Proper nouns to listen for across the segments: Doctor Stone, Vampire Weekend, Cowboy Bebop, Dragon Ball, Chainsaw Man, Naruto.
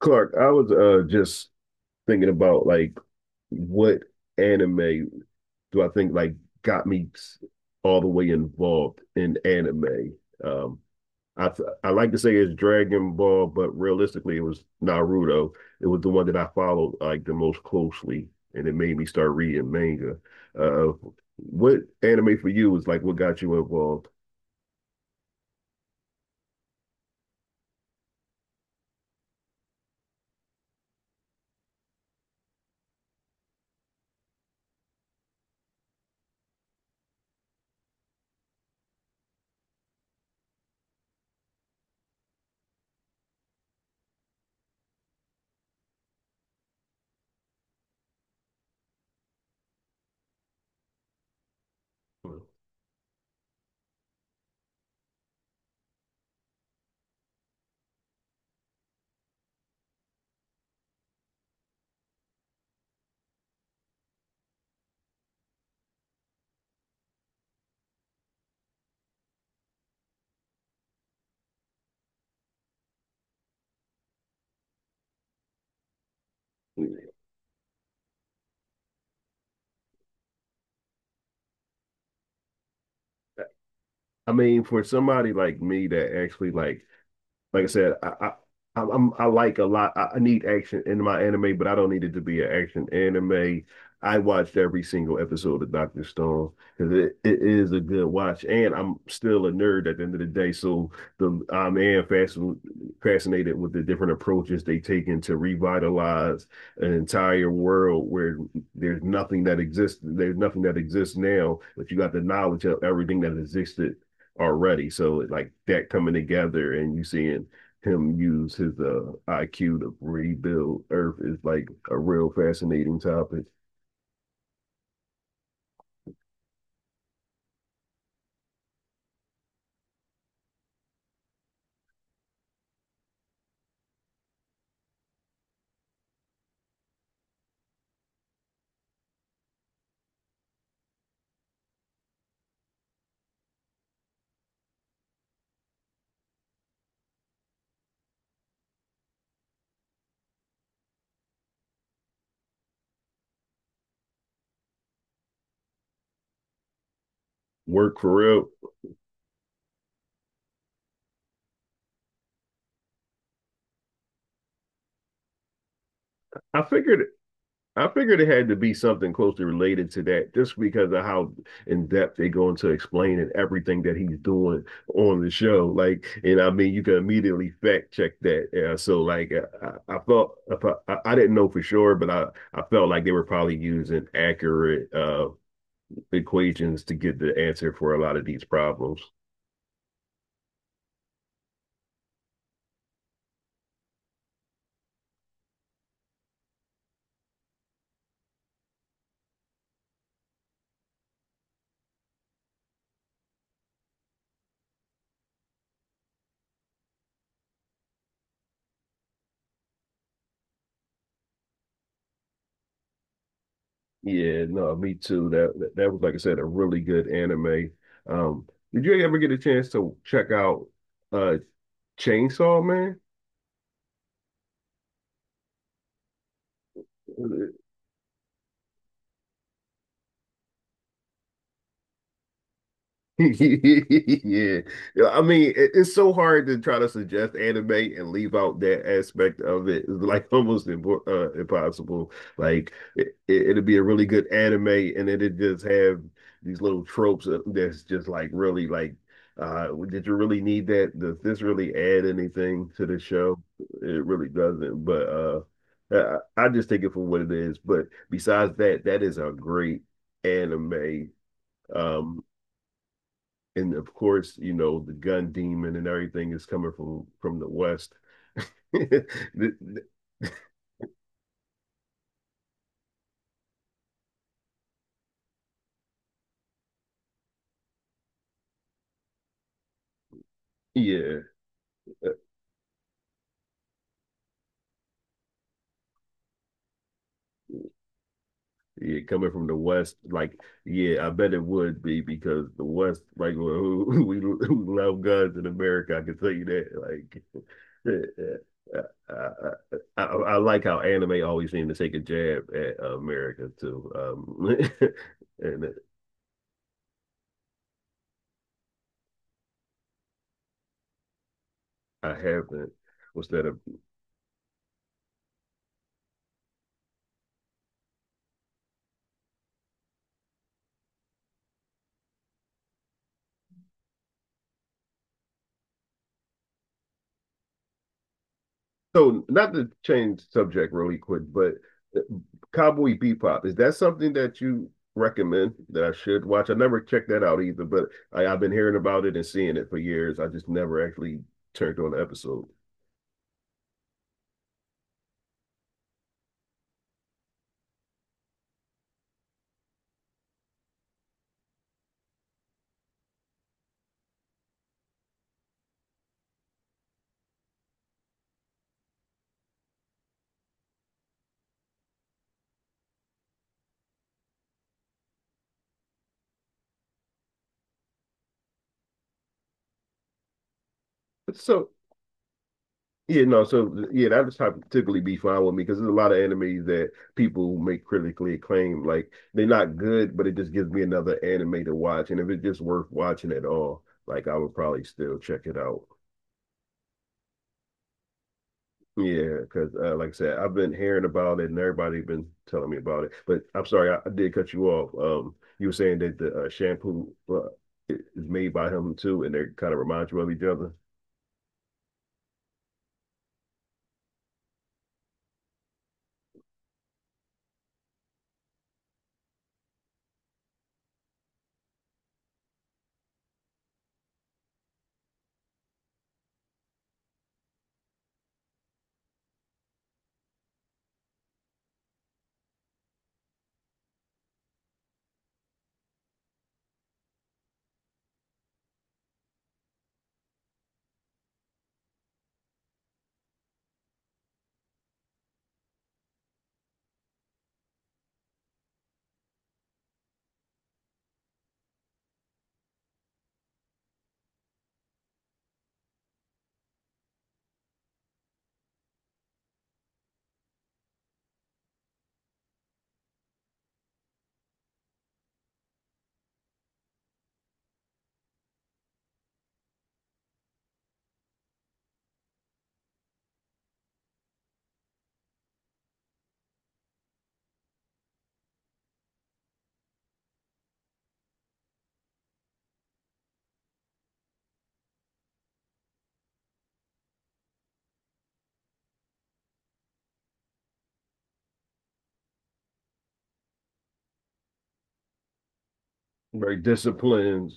Clark, I was just thinking about what anime do I think got me s- all the way involved in anime. Um, I like to say it's Dragon Ball, but realistically it was Naruto. It was the one that I followed like the most closely, and it made me start reading manga. Uh, what anime for you was like what got you involved? I mean, for somebody like me that actually like I said, I I like a lot. I need action in my anime, but I don't need it to be an action anime. I watched every single episode of Doctor Stone because it is a good watch, and I'm still a nerd at the end of the day. So the I'm and fascin fascinated with the different approaches they take in to revitalize an entire world where there's nothing that exists. There's nothing that exists now, but you got the knowledge of everything that existed already. So like that coming together and you seeing him use his IQ to rebuild Earth is like a real fascinating topic. Work for real. I figured I figured it had to be something closely related to that just because of how in depth they go into explaining everything that he's doing on the show. Like, and I mean, you can immediately fact check that. Yeah, so, I felt I didn't know for sure, but I felt like they were probably using accurate equations to get the answer for a lot of these problems. Yeah, no, me too. That was like I said, a really good anime. Um, did you ever get a chance to check out uh Chainsaw Man? Yeah. Yeah, I mean, it's so hard to try to suggest anime and leave out that aspect of it. It's like almost impossible. Like it'd be a really good anime, and then it just have these little that's just like really like, did you really need that? Does this really add anything to the show? It really doesn't. But I just take it for what it is. But besides that, that is a great anime. Um, and of course, you know, the gun demon and everything is coming from the West. The- the- yeah, uh, yeah, coming from the West, like yeah, I bet it would be because the West, like we, love guns in America. I can tell you that. Like, I, I, I, like how anime always seem to take a jab at America too. And I haven't. What's that? A So, not to change subject really quick, but uh, Cowboy Bebop, is that something that you recommend that I should watch? I never checked that out either, but I've been hearing about it and seeing it for years. I just never actually turned on the episode. So, yeah, no, so yeah, that would typically be fine with me because there's a lot of anime that people make critically acclaimed. Like they're not good, but it just gives me another anime to watch. And if it's just worth watching at all, like I would probably still check it out. Yeah, because like I said, I've been hearing about it and everybody been telling me about it. But I'm sorry, I did cut you off. You were saying that the shampoo is made by him too, and they kind of remind you of each other. Very disciplined,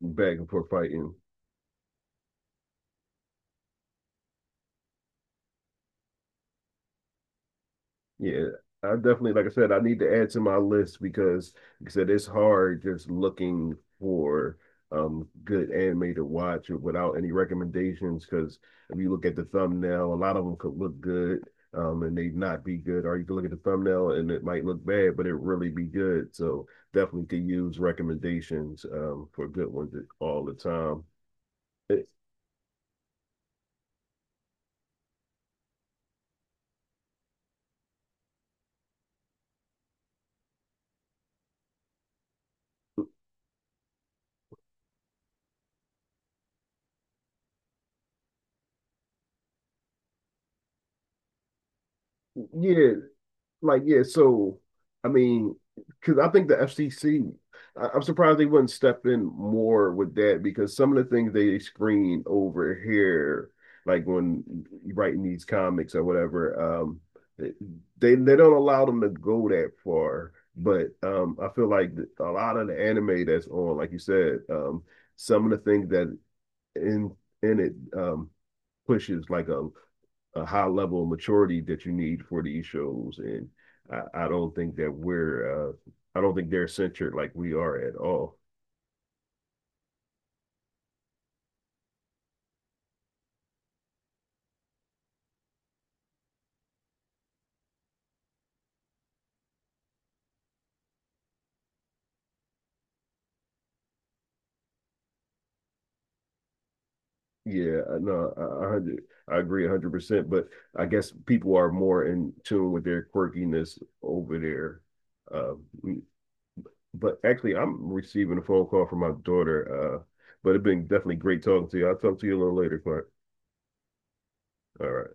back and forth fighting. Yeah, I definitely, like I said, I need to add to my list because, like I said, it's hard just looking for good anime to watch without any recommendations. Because if you look at the thumbnail, a lot of them could look good, and they not be good. Or you can look at the thumbnail and it might look bad, but it really be good. So definitely could use recommendations for good ones all the time. It- yeah, Like, yeah, so I mean, because I think the FCC, I am surprised they wouldn't step in more with that because some of the things they screen over here, like when writing these comics or whatever, they don't allow them to go that far. But I feel like a lot of the anime that's on, like you said, some of the things that in in it um, pushes like a high level of maturity that you need for these shows. And I don't think that we're I don't think they're censored like we are at all. Yeah, no, I agree 100%. But I guess people are more in tune with their quirkiness over there. Uh, but actually, I'm receiving a phone call from my daughter. But it's been definitely great talking to you. I'll talk to you a little later, Clark. All right.